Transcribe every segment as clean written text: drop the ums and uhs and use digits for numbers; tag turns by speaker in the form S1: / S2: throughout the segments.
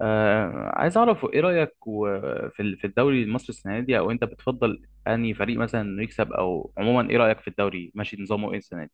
S1: عايز اعرف ايه رايك في الدوري المصري السنه دي، او انت بتفضل انهي فريق مثلا انه يكسب، او عموما ايه رايك في الدوري، ماشي نظامه ايه السنه دي؟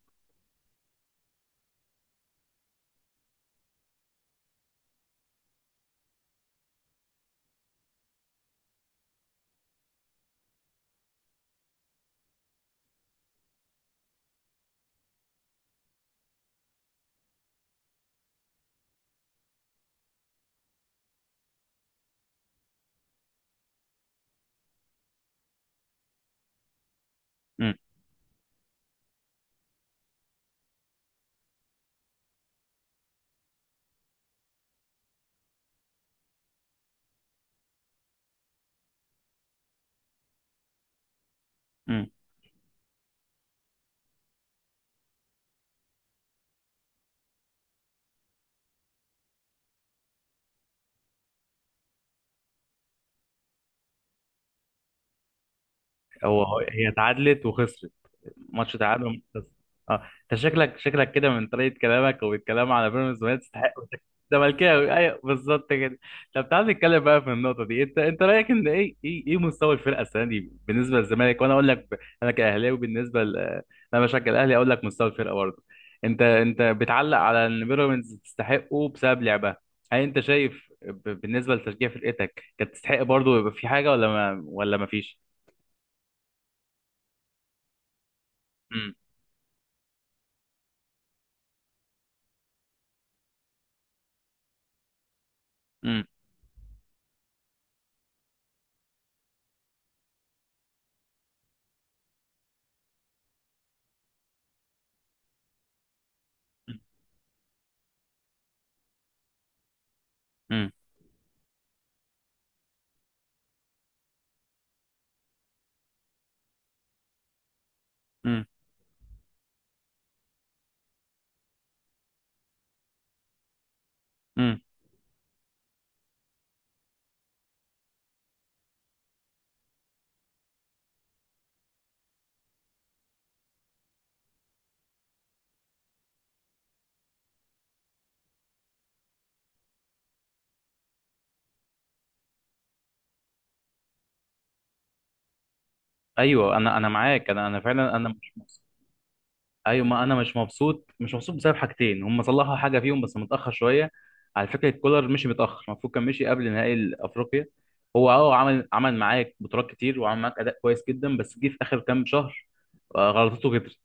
S1: امم. هي اتعادلت وخسرت. ماتش تعادل وماتش خسر. اه. انت شكلك كده من طريقه كلامك، وبالكلام على بيراميدز، ما تستحق. زملكاوي، ايوه، بالظبط كده. طب تعال نتكلم بقى في النقطه دي. انت رايك ان ايه مستوى الفرقه السنه دي بالنسبه للزمالك؟ وانا اقول لك، انا كاهلاوي. بالنسبه انا بشجع الاهلي، اقول لك مستوى الفرقه برضه. انت بتعلق على ان بيراميدز تستحقه بسبب لعبها. هل انت شايف، بالنسبه لتشجيع فرقتك، كانت تستحق برضه، يبقى في حاجه ولا ما فيش؟ امم. امم. امم. امم. ايوه، انا معاك، انا فعلا، انا مش مبسوط. ايوه، ما انا مش مبسوط. مش مبسوط بسبب حاجتين، هم صلحوا حاجه فيهم بس متاخر شويه. على فكره، كولر مشي متاخر، المفروض كان مشي قبل نهائي افريقيا. هو، عمل معاك بطولات كتير وعمل معاك اداء كويس جدا، بس جه في اخر كام شهر. غلطته كترت.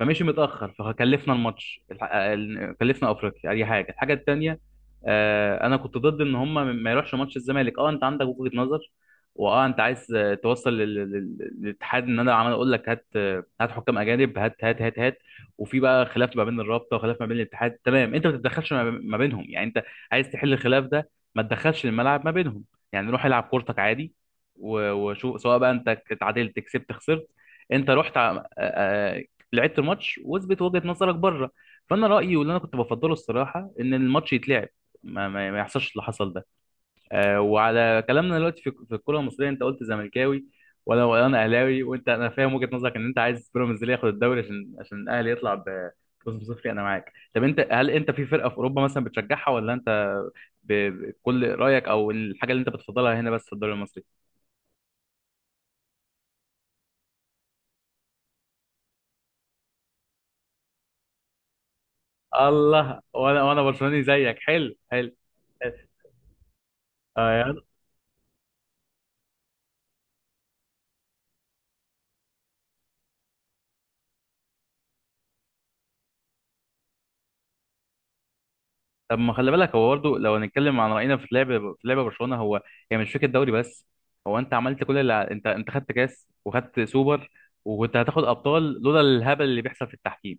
S1: فمشي متاخر، فكلفنا الماتش، كلفنا افريقيا اي حاجه. الحاجه التانيه: انا كنت ضد ان هم ما يروحش ماتش الزمالك. اه انت عندك وجهه نظر، واه انت عايز، توصل للاتحاد، ان انا عمال اقول لك هات، هات حكام اجانب، هات هات هات هات. وفي بقى خلاف ما بين الرابطه وخلاف ما بين الاتحاد، تمام. انت ما تتدخلش ما بينهم. يعني انت عايز تحل الخلاف ده، ما تدخلش الملعب ما بينهم. يعني روح العب كورتك عادي وشوف، سواء بقى انت اتعادلت، كسبت، خسرت، انت رحت لعبت الماتش واثبت وجهة نظرك بره. فانا رايي، واللي انا كنت بفضله الصراحه، ان الماتش يتلعب، ما يحصلش اللي حصل ده. وعلى كلامنا دلوقتي، في الكره المصريه، انت قلت زملكاوي، وانا اهلاوي. وانت، انا فاهم وجهة نظرك ان انت عايز بيراميدز اللي ياخد الدوري، عشان الاهلي يطلع ب فوز بصفري. انا معاك. طب انت، هل انت في فرقه في اوروبا مثلا بتشجعها، ولا انت بكل رايك، او الحاجه اللي انت بتفضلها هنا بس في الدوري المصري؟ الله، وانا برشلوني زيك. حلو حلو. آه، طب ما خلي بالك هو برضه، لو هنتكلم عن رأينا في لعب في لعب برشلونة، هي، يعني مش فكرة دوري بس. هو انت عملت كل اللي انت خدت كاس وخدت سوبر، وكنت هتاخد ابطال لولا الهبل اللي بيحصل في التحكيم.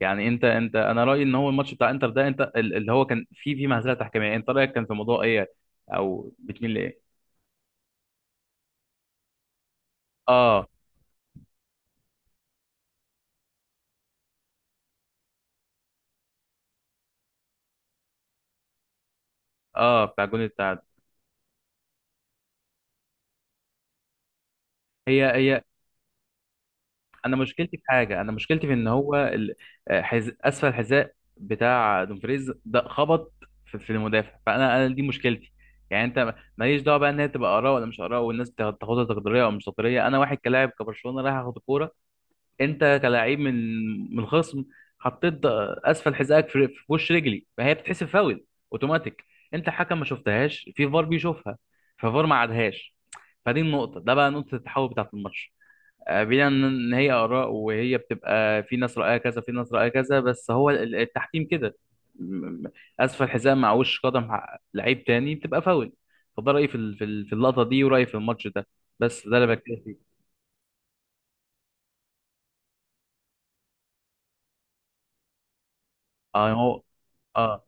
S1: يعني انت انت انا رأيي ان هو الماتش بتاع انتر ده، انت اللي هو كان فيه مهزلة تحكيمية، انت رأيك كان في موضوع ايه؟ او بتميل لايه؟ اه، اه، بتاع الجون التعادل. هي. انا مشكلتي في حاجه، انا مشكلتي في ان هو، اسفل الحذاء بتاع دومفريز ده خبط في المدافع، فانا دي مشكلتي. يعني انت، ماليش دعوه بقى ان هي تبقى اراء ولا مش اراء، والناس تاخدها تقديريه او مش تقديريه. انا، واحد كلاعب كبرشلونه، رايح اخد الكوره، انت كلاعب من الخصم، حطيت اسفل حذائك في وش رجلي، فهي بتتحسب فاول اوتوماتيك. انت حكم ما شفتهاش، في فار بيشوفها، ففار ما عادهاش. فدي النقطه ده بقى نقطه التحول بتاعه الماتش. بعيدا عن ان هي اراء، وهي بتبقى في ناس رايها كذا، في ناس رايها كذا، بس هو التحكيم كده. م- م- اسفل حزام مع وش قدم، لعيب تاني، بتبقى فاول. فده رايي في اللقطه دي، ورايي في الماتش ده، بس ده اللي بتكلم فيه. اه. هو. اه.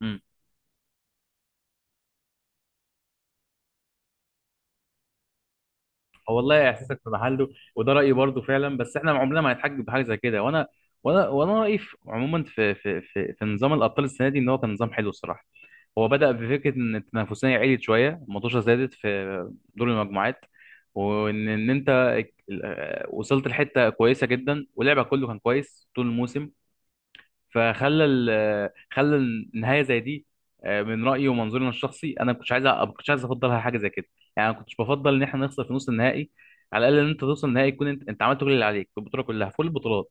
S1: امم. هو والله احساسك في محله، وده رايي برضو فعلا، بس احنا عمرنا ما هنتحجج بحاجه زي كده. وانا رايي عموما في نظام الابطال السنه دي، ان هو كان نظام حلو الصراحه. هو بدأ بفكرة إن التنافسية عالية شوية، المطوشة زادت في دور المجموعات، وإن أنت، وصلت لحتة كويسة جدا، ولعبك كله كان كويس طول الموسم، خلى النهايه زي دي. من رايي ومنظوري الشخصي، انا ما كنتش عايز، ما كنتش عايز افضلها حاجه زي كده. يعني انا ما كنتش بفضل ان احنا نخسر في نص النهائي. على الاقل ان انت توصل النهائي، يكون انت عملت كل اللي عليك في البطوله كلها، في كل البطولات.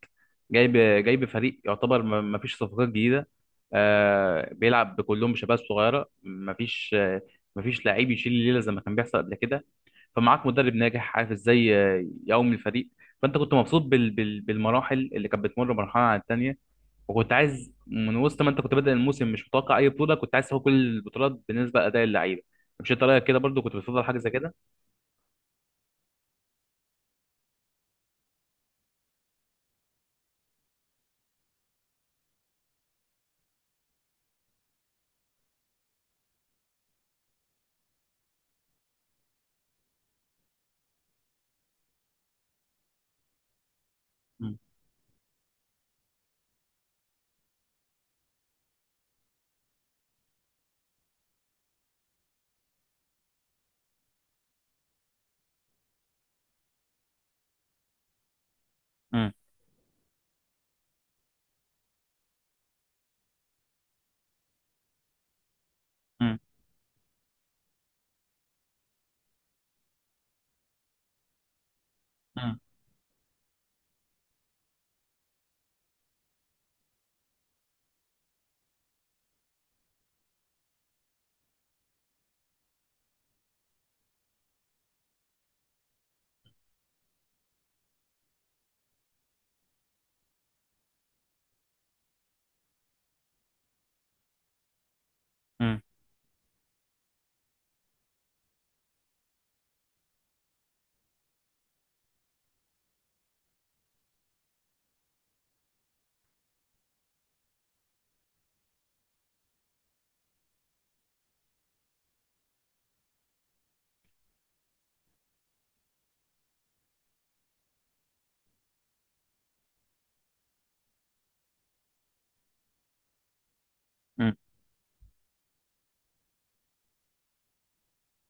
S1: جايب جايب فريق يعتبر ما فيش صفقات جديده، بيلعب كلهم بشباب صغيره، ما فيش ما فيش لعيب يشيل الليله زي ما كان بيحصل قبل كده. فمعاك مدرب ناجح عارف ازاي يقوم الفريق. فانت كنت مبسوط بالمراحل اللي كانت بتمر مرحله عن الثانيه. وكنت عايز، من وسط ما انت كنت بادئ الموسم مش متوقع اي بطوله، كنت عايز تاخد كل البطولات بالنسبه لاداء اللعيبه. مش انت رايك كده برضو؟ كنت بتفضل حاجه زي كده؟ مم. مم. مم. مم. مم. مم.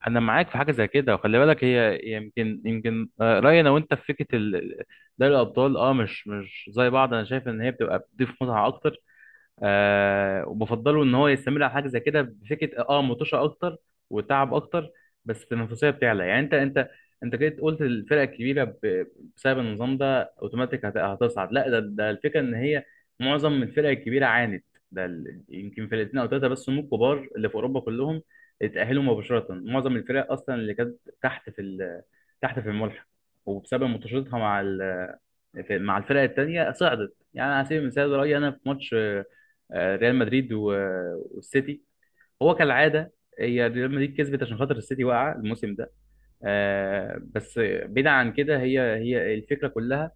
S1: انا معاك في حاجه زي كده، وخلي بالك، هي يمكن، رايي انا وانت في فكره دوري الابطال، اه، مش زي بعض. انا شايف ان هي بتبقى بتضيف متعه اكتر، وبفضله ان هو يستمر على حاجه زي كده، بفكره مطوشه اكتر وتعب اكتر، بس التنافسيه بتعلى. يعني انت كده قلت الفرق الكبيره بسبب النظام ده اوتوماتيك هتصعد. لا، ده الفكره ان هي معظم الفرق الكبيره عانت. ده يمكن فرقتين او ثلاثه بس هم الكبار اللي في اوروبا كلهم اتاهلوا مباشره. معظم الفرق اصلا اللي كانت تحت في ال- تحت في الملحق، وبسبب مطوشتها مع الفرق التانيه، صعدت. يعني على سبيل المثال، رايي انا في ماتش ريال مدريد والسيتي، هو كالعاده، هي ريال مدريد كسبت عشان خاطر السيتي واقعه الموسم ده. بس بعيدا عن كده، هي الفكره كلها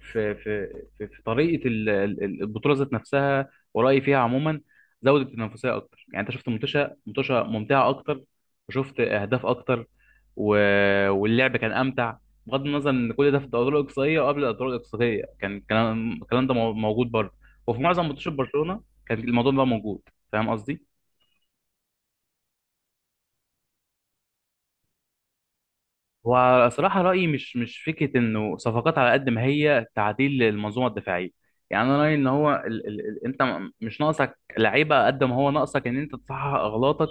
S1: في في في طريقه البطوله ذات نفسها. ورايي فيها عموما، زودت التنافسيه اكتر. يعني انت شفت، منتشى منتشى، ممتعه اكتر، وشفت اهداف اكتر، و... واللعب كان امتع. بغض النظر ان كل ده في الادوار الاقصائيه، وقبل الادوار الاقصائيه كان الكلام ده موجود برضه، وفي معظم ماتشات برشلونه كان الموضوع ده موجود. فاهم قصدي؟ وصراحة رأيي، مش فكرة إنه صفقات على قد ما هي تعديل للمنظومة الدفاعية. يعني أنا رأيي إن هو، ال ال ال أنت، مش ناقصك لعيبة قد ما هو ناقصك إن أنت تصحح أغلاطك،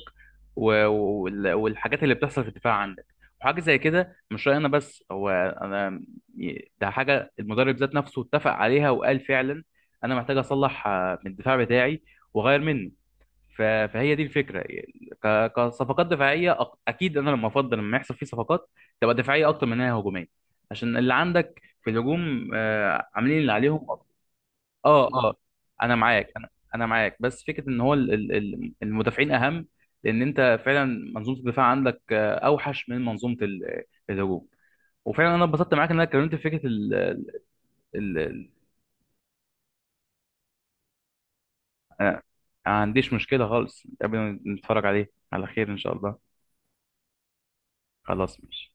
S1: والحاجات اللي بتحصل في الدفاع عندك، وحاجة زي كده. مش رأيي أنا بس، هو أنا، ده حاجة المدرب ذات نفسه اتفق عليها وقال فعلا: أنا محتاج أصلح من الدفاع بتاعي، وأغير منه. ف- فهي دي الفكره. كصفقات دفاعيه، اكيد انا لما افضل، لما يحصل فيه صفقات، تبقى دفاعيه اكتر من انها هجوميه، عشان اللي عندك في الهجوم عاملين اللي عليهم. اه، اه. انا معاك، انا معاك، بس فكره ان هو المدافعين اهم. لان انت فعلا منظومه الدفاع عندك اوحش من منظومه الهجوم. وفعلا انا اتبسطت معاك ان انا اتكلمت في فكره ال ال ال انا. ما عنديش مشكله خالص، قبل ما نتفرج عليه، على خير ان شاء الله. خلاص، ماشي.